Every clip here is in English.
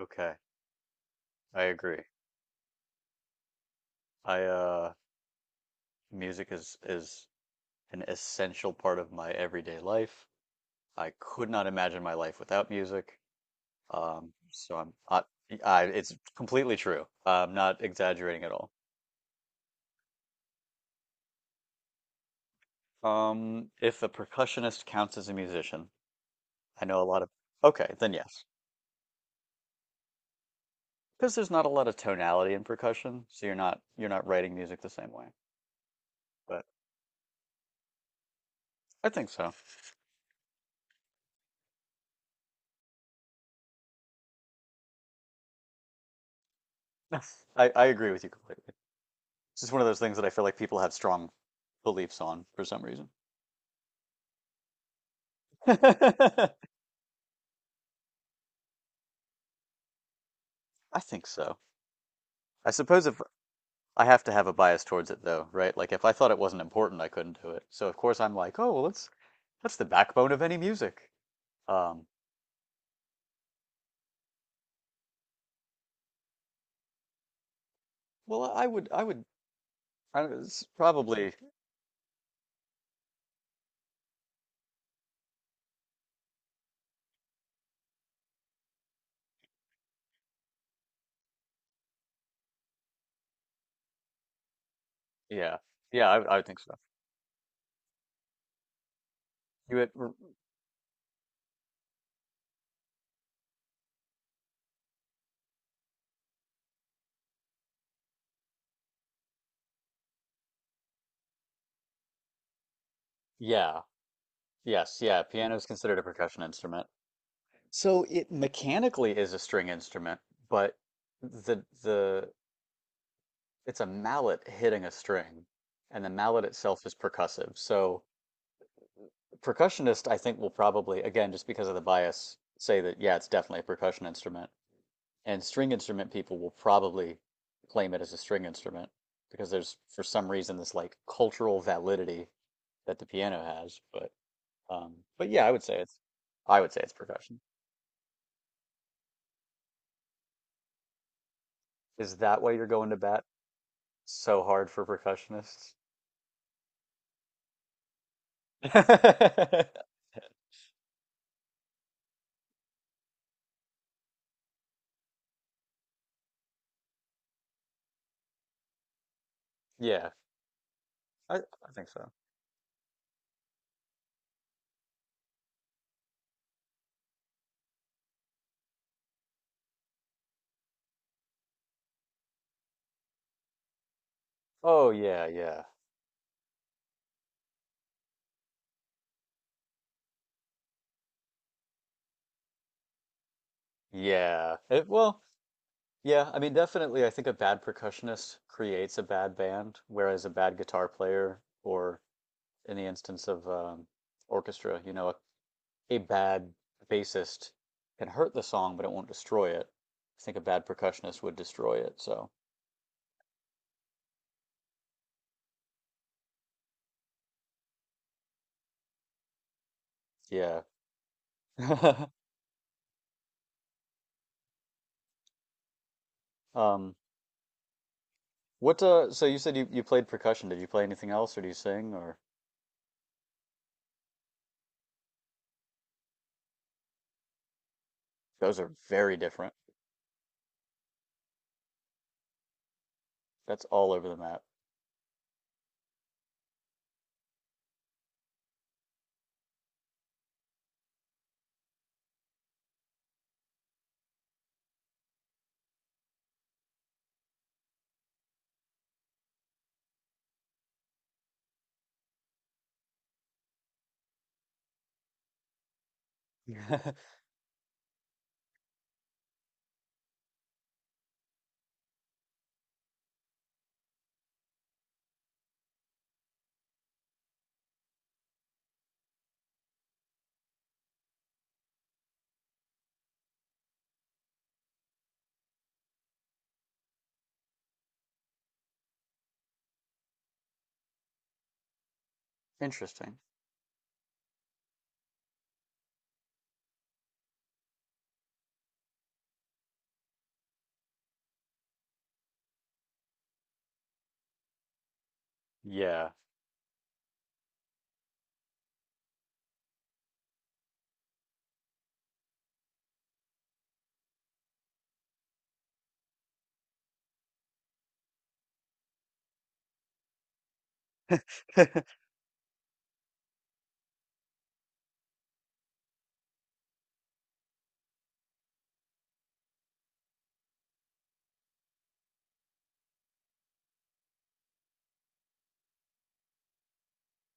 Okay, I agree. I music is an essential part of my everyday life. I could not imagine my life without music. Um, so I'm I, I it's completely true. I'm not exaggerating at all. If a percussionist counts as a musician, I know a lot of okay, then yes. Because there's not a lot of tonality in percussion, so you're not writing music the same way. But I think so. I agree with you completely. It's just one of those things that I feel like people have strong beliefs on for some reason. I think so. I suppose if I have to have a bias towards it though, right? Like if I thought it wasn't important, I couldn't do it. So of course I'm like, oh well, that's the backbone of any music. Um, I would, I don't- know, it's probably, yeah, yeah, I would think so. You would, yeah, yes, yeah. Piano is considered a percussion instrument, so it mechanically is a string instrument, but the it's a mallet hitting a string, and the mallet itself is percussive. So percussionist, I think, will probably, again, just because of the bias, say that, yeah, it's definitely a percussion instrument. And string instrument people will probably claim it as a string instrument because there's, for some reason, this like cultural validity that the piano has. But yeah, I would say it's percussion. Is that why you're going to bat so hard for percussionists? Yeah, I think so. Oh yeah, yeah. Yeah. It, well, yeah, I mean, definitely, I think a bad percussionist creates a bad band, whereas a bad guitar player, or in the instance of orchestra, you know, a bad bassist can hurt the song, but it won't destroy it. I think a bad percussionist would destroy it, so yeah. Um, what so you said you played percussion. Did you play anything else, or do you sing, or those are very different. That's all over the map. Interesting. Yeah.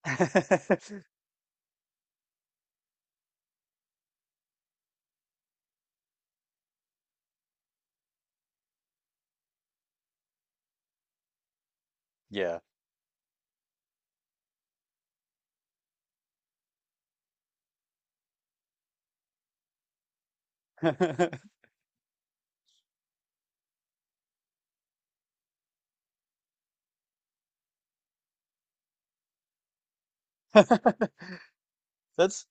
Yeah. That's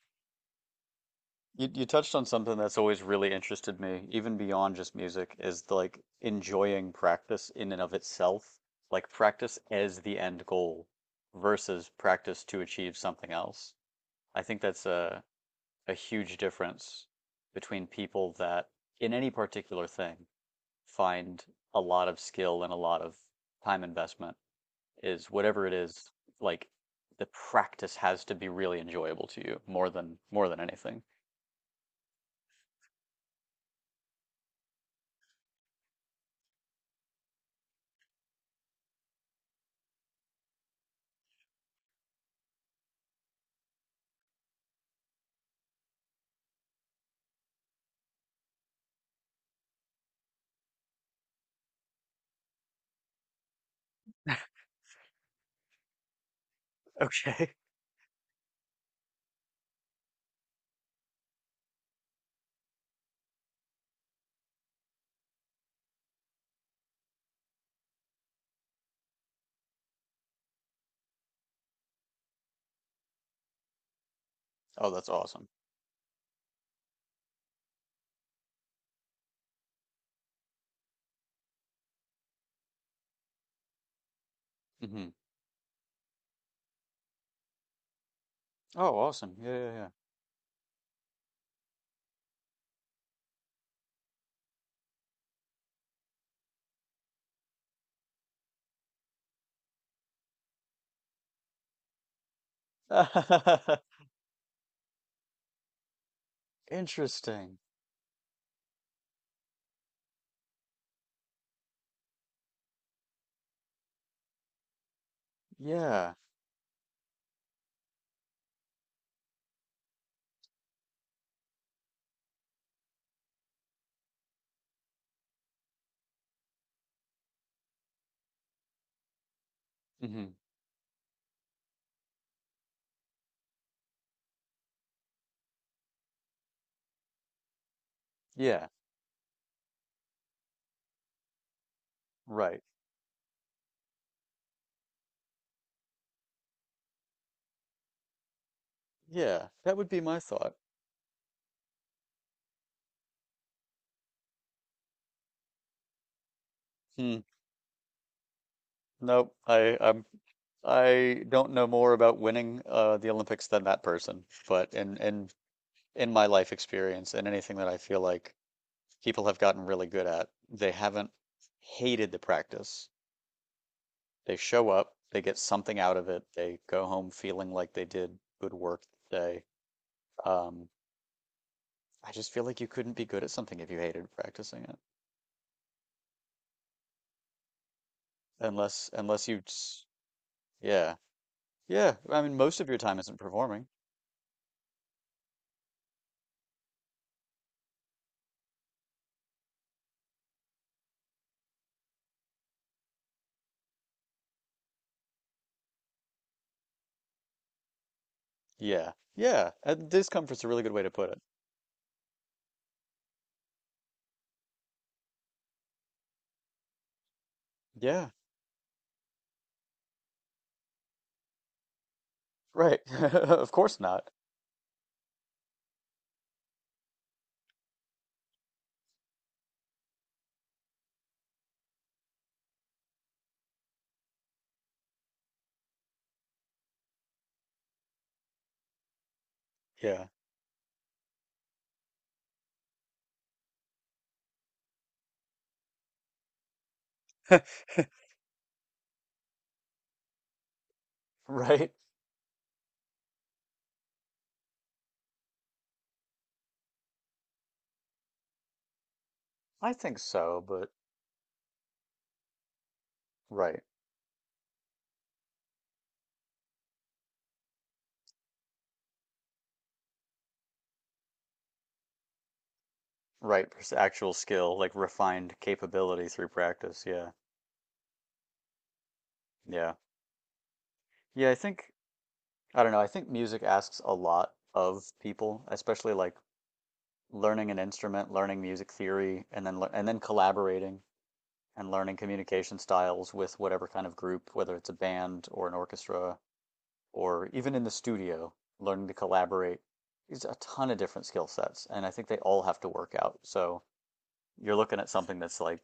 you touched on something that's always really interested me, even beyond just music, is the, like enjoying practice in and of itself, like practice as the end goal versus practice to achieve something else. I think that's a huge difference between people that in any particular thing find a lot of skill and a lot of time investment. Is whatever it is, like the practice has to be really enjoyable to you more than anything. Okay. Oh, that's awesome. Hmm. Oh, awesome. Yeah, yeah, yeah. Interesting. Yeah. Hmm. Yeah. Right. Yeah. That would be my thought. Hmm. Nope. I I don't know more about winning the Olympics than that person, but in in my life experience and anything that I feel like people have gotten really good at. They haven't hated the practice. They show up, they get something out of it, they go home feeling like they did good work today. Um, I just feel like you couldn't be good at something if you hated practicing it, unless you. Yeah, yeah. I mean, most of your time isn't performing. Yeah, yeah. Discomfort's a really good way to put it. Yeah, right. Of course not. Yeah, right. I think so, but right. Actual skill, like refined capability through practice. Yeah. Yeah. Yeah, I think I don't know, I think music asks a lot of people, especially like learning an instrument, learning music theory, and then collaborating and learning communication styles with whatever kind of group, whether it's a band or an orchestra or even in the studio, learning to collaborate is a ton of different skill sets, and I think they all have to work out. So, you're looking at something that's like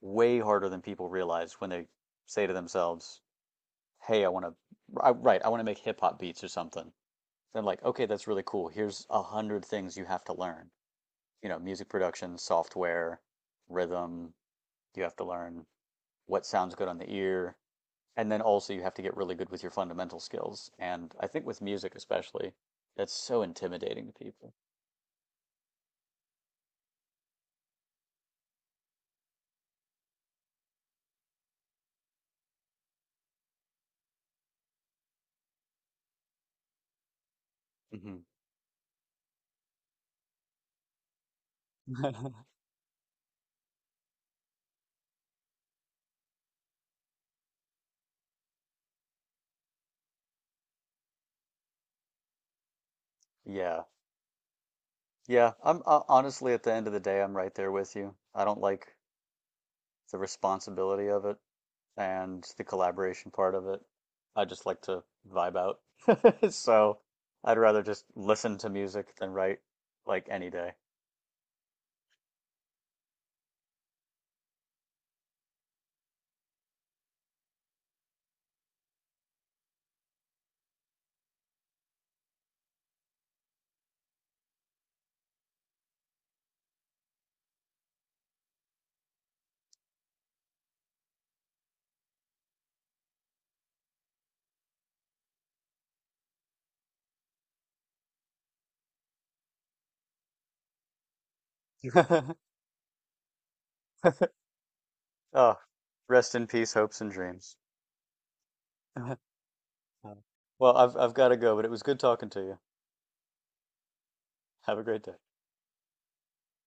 way harder than people realize when they say to themselves, "Hey, I want to, right, I want to make hip hop beats or something." Then like, okay, that's really cool. Here's 100 things you have to learn. You know, music production, software, rhythm. You have to learn what sounds good on the ear, and then also you have to get really good with your fundamental skills. And I think with music especially, that's so intimidating to people. Hmm. Yeah. Yeah. I'm honestly at the end of the day, I'm right there with you. I don't like the responsibility of it and the collaboration part of it. I just like to vibe out. So I'd rather just listen to music than write like any day. Oh, rest in peace, hopes and dreams. Well, I've got to go, but it was good talking to you. Have a great day.